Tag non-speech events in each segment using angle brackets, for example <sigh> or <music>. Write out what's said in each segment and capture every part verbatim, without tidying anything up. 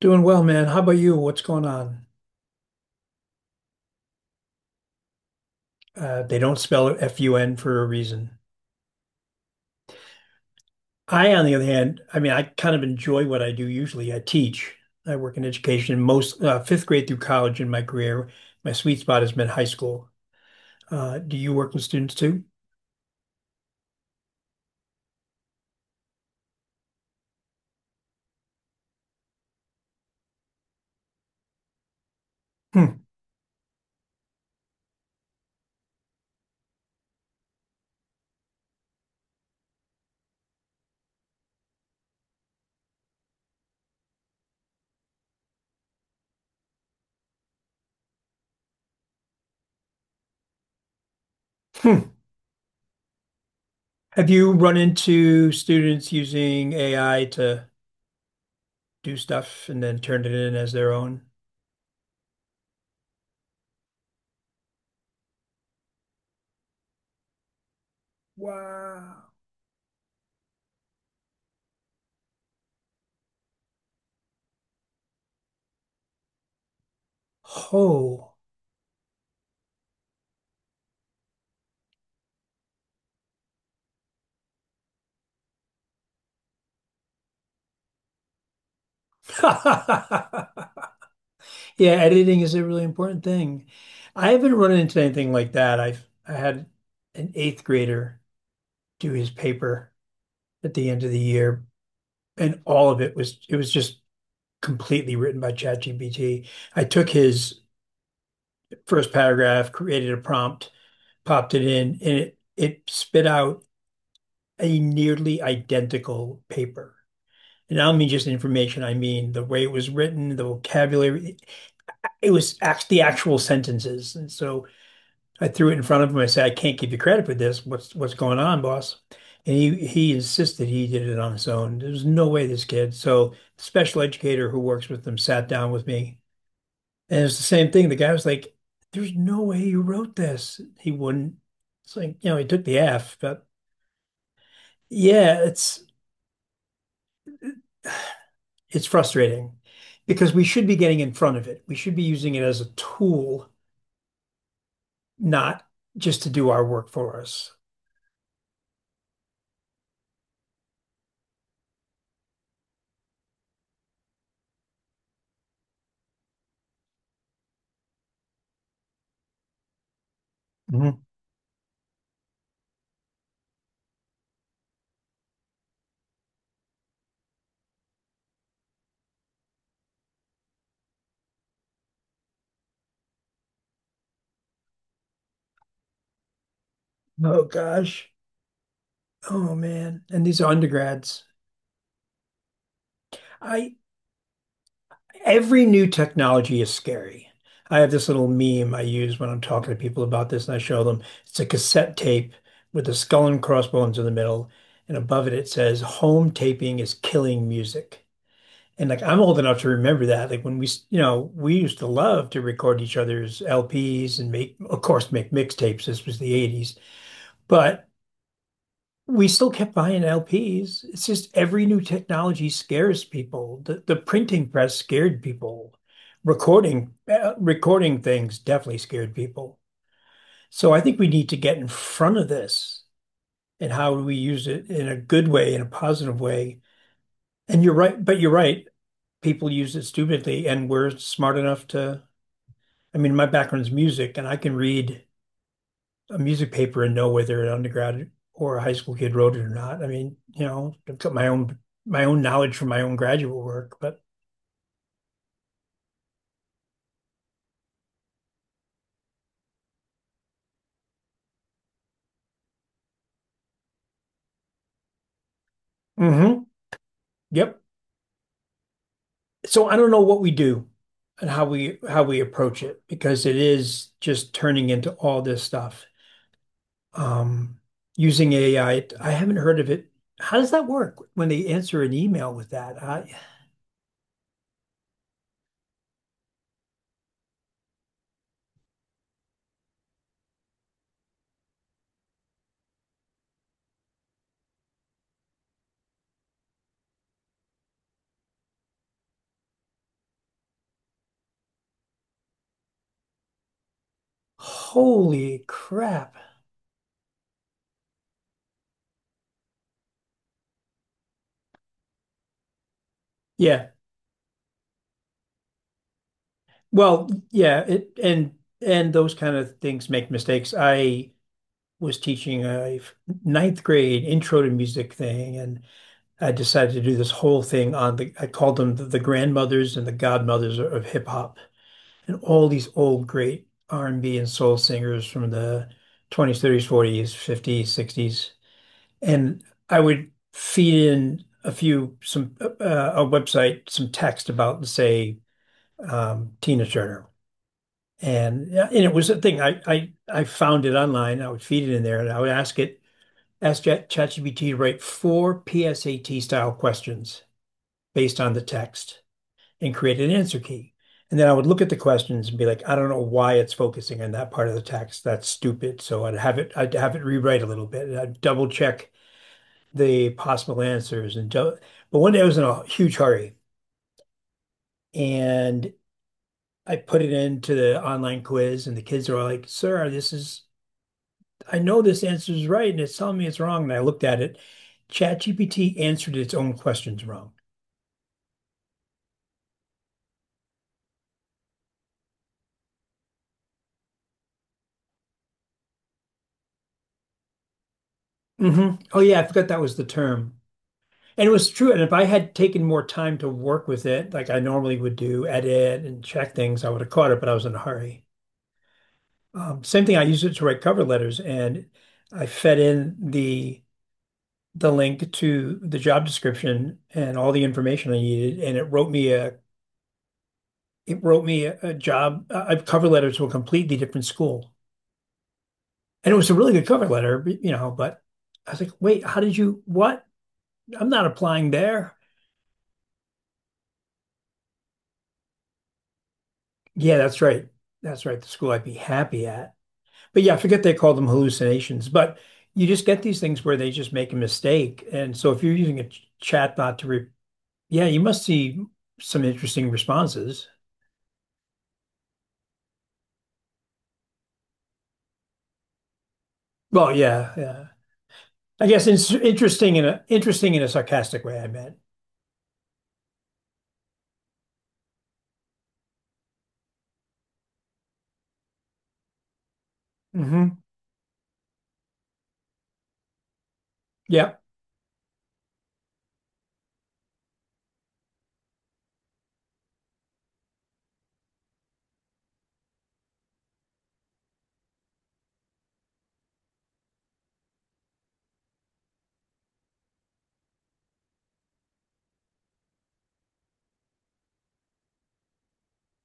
Doing well, man. How about you? What's going on? Uh, they don't spell it F U N for a reason. I, on the other hand, I mean, I kind of enjoy what I do usually. I teach. I work in education, most uh, fifth grade through college in my career. My sweet spot has been high school. Uh, do you work with students too? Hmm. Hmm. Have you run into students using A I to do stuff and then turn it in as their own? Wow. Oh. <laughs> Yeah, editing is a really important thing. I haven't run into anything like that. I've I had an eighth grader do his paper at the end of the year, and all of it was it was just completely written by ChatGPT. I took his first paragraph, created a prompt, popped it in, and it it spit out a nearly identical paper. And I don't mean just information, I mean the way it was written, the vocabulary. It was act the actual sentences. And so I threw it in front of him. I said, I can't give you credit for this. What's what's going on, boss? And he he insisted he did it on his own. There's no way this kid. So the special educator who works with them sat down with me. And it's the same thing. The guy was like, there's no way you wrote this. He wouldn't. It's like, you know, he took the F, but yeah, it's it's frustrating because we should be getting in front of it. We should be using it as a tool, not just to do our work for us. Mhm. Oh gosh. Oh man, and these are undergrads. I every new technology is scary. I have this little meme I use when I'm talking to people about this, and I show them it's a cassette tape with the skull and crossbones in the middle, and above it it says home taping is killing music. And like I'm old enough to remember that. Like when we, s- you know, we used to love to record each other's L Ps and make, of course, make mixtapes. This was the eighties. But we still kept buying L Ps. It's just every new technology scares people. The the printing press scared people. Recording uh, recording things definitely scared people. So I think we need to get in front of this and how do we use it in a good way, in a positive way. And you're right, but you're right. People use it stupidly, and we're smart enough to. I mean, my background's music, and I can read a music paper and know whether an undergrad or a high school kid wrote it or not. I mean, you know, I've got my own my own knowledge from my own graduate work, but mm-hmm, yep. So I don't know what we do and how we how we approach it because it is just turning into all this stuff. Um, using A I, I I haven't heard of it. How does that work when they answer an email with that? I, holy crap! Yeah, well, yeah, it and and those kind of things make mistakes. I was teaching a ninth grade intro to music thing, and I decided to do this whole thing on the, I called them the, the grandmothers and the godmothers of, of hip hop, and all these old great R and B and B and soul singers from the twenties, thirties, forties, fifties, sixties, and I would feed in a few some uh, a website some text about say um, Tina Turner. And, yeah, and it was a thing. I, I I found it online. I would feed it in there, and I would ask it ask ChatGPT to write four P S A T-style questions based on the text and create an answer key. And then I would look at the questions and be like, I don't know why it's focusing on that part of the text. That's stupid. So I'd have it, I'd have it rewrite a little bit. And I'd double check the possible answers and do but one day I was in a huge hurry and I put it into the online quiz and the kids are all like, sir, this is I know this answer is right and it's telling me it's wrong. And I looked at it. ChatGPT answered its own questions wrong. Hmm. Oh yeah, I forgot that was the term. And it was true. And if I had taken more time to work with it, like I normally would do, edit and check things, I would have caught it, but I was in a hurry. Um, same thing, I used it to write cover letters and I fed in the the link to the job description and all the information I needed, and it wrote me a it wrote me a, a job a a cover letter to a completely different school. And it was a really good cover letter, you know, but I was like, wait, how did you what? I'm not applying there. Yeah, that's right. That's right. The school I'd be happy at. But yeah, I forget they call them hallucinations, but you just get these things where they just make a mistake. And so if you're using a ch- chat bot to re yeah, you must see some interesting responses. Well, yeah, yeah. I guess it's interesting in a interesting in a sarcastic way, I meant. Hmm. Yeah.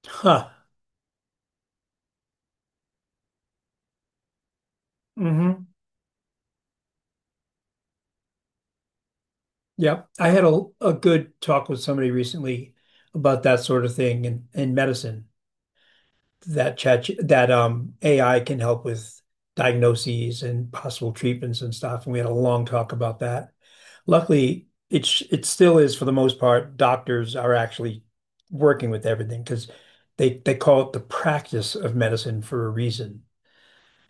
Huh. Hmm. Yeah. I had a a good talk with somebody recently about that sort of thing in, in medicine. That chat that um A I can help with diagnoses and possible treatments and stuff. And we had a long talk about that. Luckily, it's it still is for the most part, doctors are actually working with everything because they they call it the practice of medicine for a reason.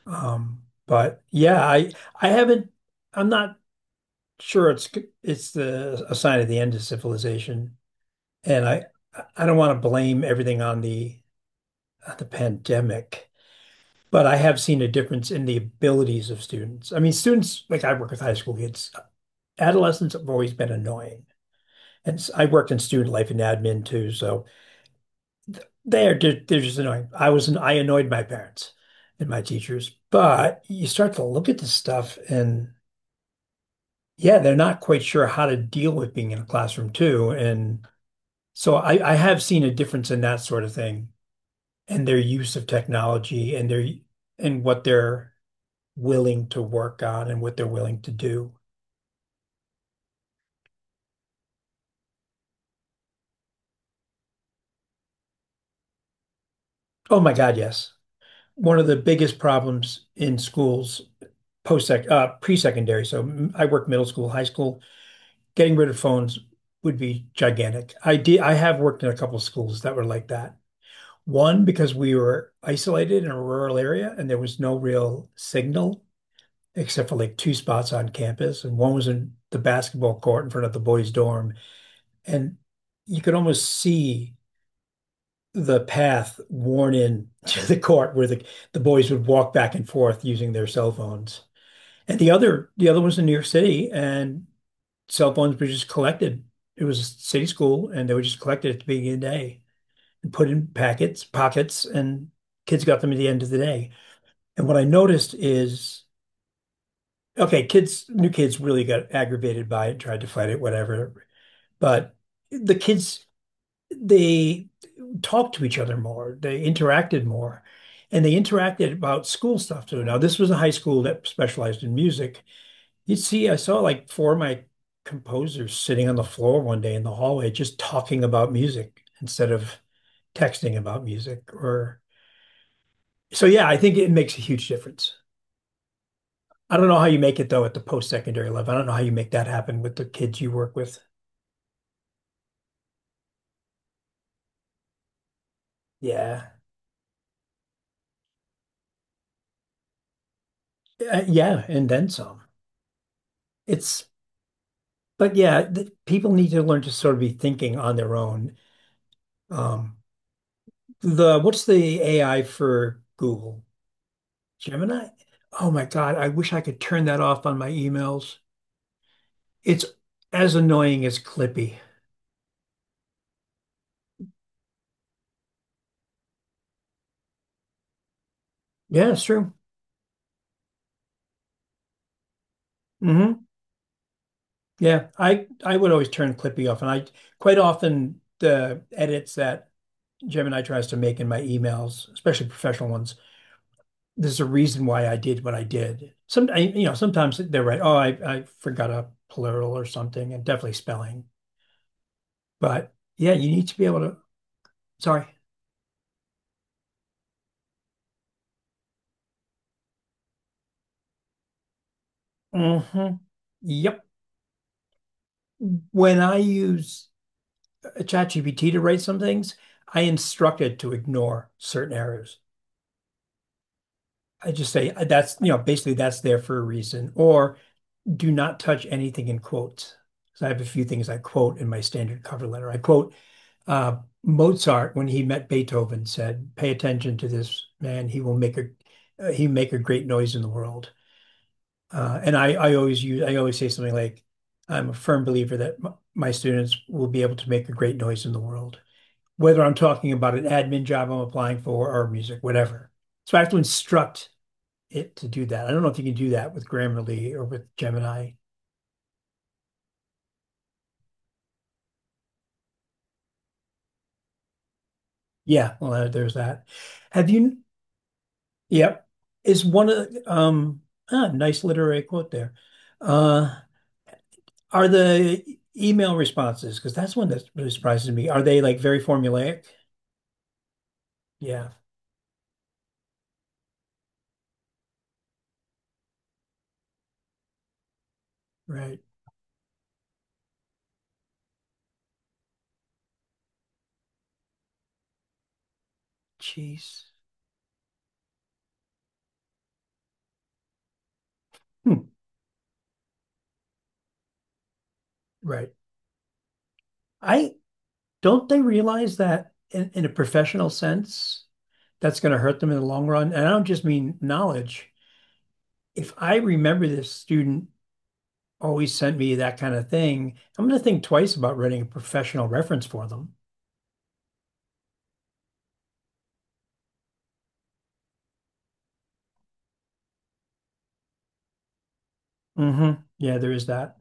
Um, but yeah, I I haven't I'm not sure it's it's the a sign of the end of civilization. And I I don't want to blame everything on the on the pandemic. But I have seen a difference in the abilities of students. I mean, students, like I work with high school kids, adolescents have always been annoying. And s- I worked in student life and admin too, so they're ju- they're just annoying. I was an, I annoyed my parents and my teachers, but you start to look at this stuff and yeah, they're not quite sure how to deal with being in a classroom too. And so I, I have seen a difference in that sort of thing and their use of technology and their and what they're willing to work on and what they're willing to do. Oh my God, yes. One of the biggest problems in schools post-sec uh, pre-secondary, so I work middle school, high school, getting rid of phones would be gigantic. I did, I have worked in a couple of schools that were like that. One, because we were isolated in a rural area and there was no real signal except for like two spots on campus, and one was in the basketball court in front of the boys' dorm, and you could almost see the path worn in <laughs> to the court where the, the boys would walk back and forth using their cell phones. And the other the other was in New York City and cell phones were just collected. It was a city school and they were just collected at the beginning of the day and put in packets, pockets, and kids got them at the end of the day. And what I noticed is okay, kids, new kids really got aggravated by it, tried to fight it, whatever. But the kids, they talked to each other more. They interacted more. And they interacted about school stuff too. Now, this was a high school that specialized in music. You'd see, I saw like four of my composers sitting on the floor one day in the hallway just talking about music instead of texting about music or so yeah, I think it makes a huge difference. I don't know how you make it though at the post-secondary level. I don't know how you make that happen with the kids you work with. Yeah. Uh, yeah, and then some. It's but yeah, th people need to learn to sort of be thinking on their own. Um, the What's the A I for Google? Gemini? Oh my God, I wish I could turn that off on my emails. It's as annoying as Clippy. Yeah, it's true. Hmm. Yeah, I I would always turn Clippy off, and I quite often the edits that Gemini tries to make in my emails, especially professional ones, there's a reason why I did what I did. Some, I, you know, sometimes they're right. Oh, I I forgot a plural or something, and definitely spelling. But yeah, you need to be able to. Sorry. Hmm. Yep. When I use ChatGPT to write some things, I instruct it to ignore certain errors. I just say, "Uh, that's, you know, basically that's there for a reason," or do not touch anything in quotes. So I have a few things I quote in my standard cover letter. I quote uh, Mozart, when he met Beethoven, said, "Pay attention to this man. He will make a uh, he make a great noise in the world." Uh, and I, I always use, I always say something like, I'm a firm believer that m my students will be able to make a great noise in the world, whether I'm talking about an admin job I'm applying for, or music, whatever. So I have to instruct it to do that. I don't know if you can do that with Grammarly or with Gemini. Yeah, well, uh, there's that. Have you, yep, is one of the, um, ah, nice literary quote there. Uh, are the e, email responses, because that's one that really surprises me, are they like very formulaic? Yeah. Right. Jeez. Hmm. Right. I don't they realize that in, in a professional sense, that's going to hurt them in the long run. And I don't just mean knowledge. If I remember this student always sent me that kind of thing, I'm going to think twice about writing a professional reference for them. Hmm. Yeah, there is that.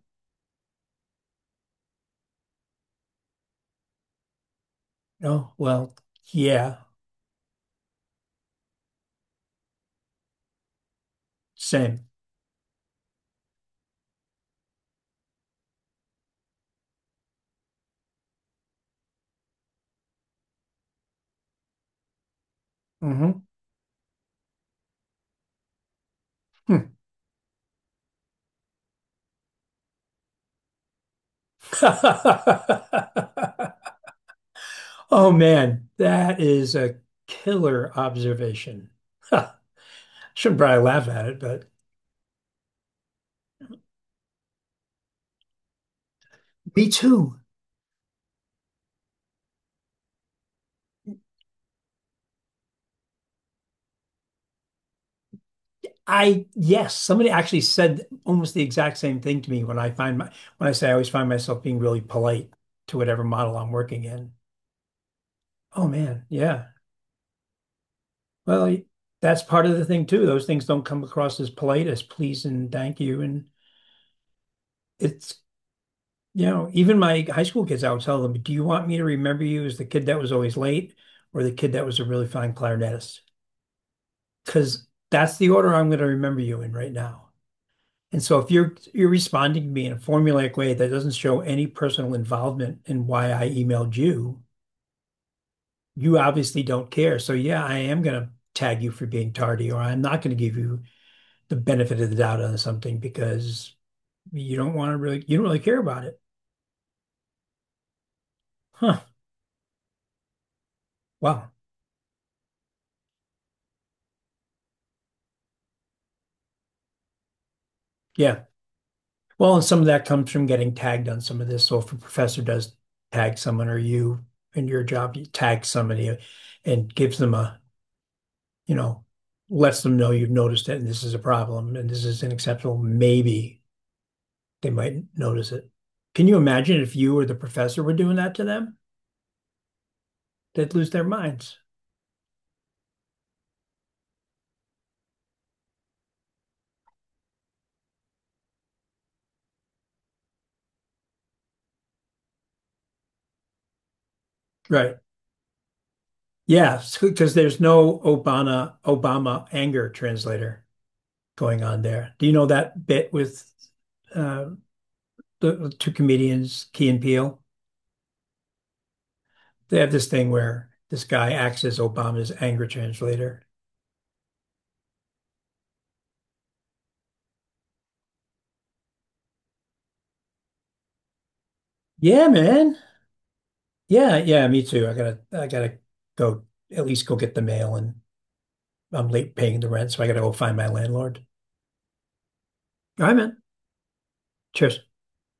Oh, well, yeah, same. Mm-hmm. Hmm. <laughs> Oh man, that is a killer observation. <laughs> Shouldn't probably laugh at it, but me too. I, yes, somebody actually said almost the exact same thing to me when I find my, when I say I always find myself being really polite to whatever model I'm working in. Oh man, yeah. Well, that's part of the thing too. Those things don't come across as polite as please and thank you. And it's, you know, even my high school kids, I would tell them, do you want me to remember you as the kid that was always late, or the kid that was a really fine clarinetist? Because that's the order I'm going to remember you in right now. And so if you're you're responding to me in a formulaic way that doesn't show any personal involvement in why I emailed you, you obviously don't care. So yeah, I am going to tag you for being tardy, or I'm not going to give you the benefit of the doubt on something because you don't want to really you don't really care about it. Huh. Wow. Yeah. Well, and some of that comes from getting tagged on some of this. So if a professor does tag someone, or you in your job, you tag somebody and gives them a, you know, lets them know you've noticed it and this is a problem and this is unacceptable, maybe they might notice it. Can you imagine if you or the professor were doing that to them? They'd lose their minds. Right. Yeah, because there's no Obama Obama anger translator going on there. Do you know that bit with uh, the two comedians, Key and Peele? They have this thing where this guy acts as Obama's anger translator. Yeah, man. Yeah, yeah, me too. I gotta, I gotta go, at least go get the mail, and I'm late paying the rent, so I gotta go find my landlord. All right, man. Cheers.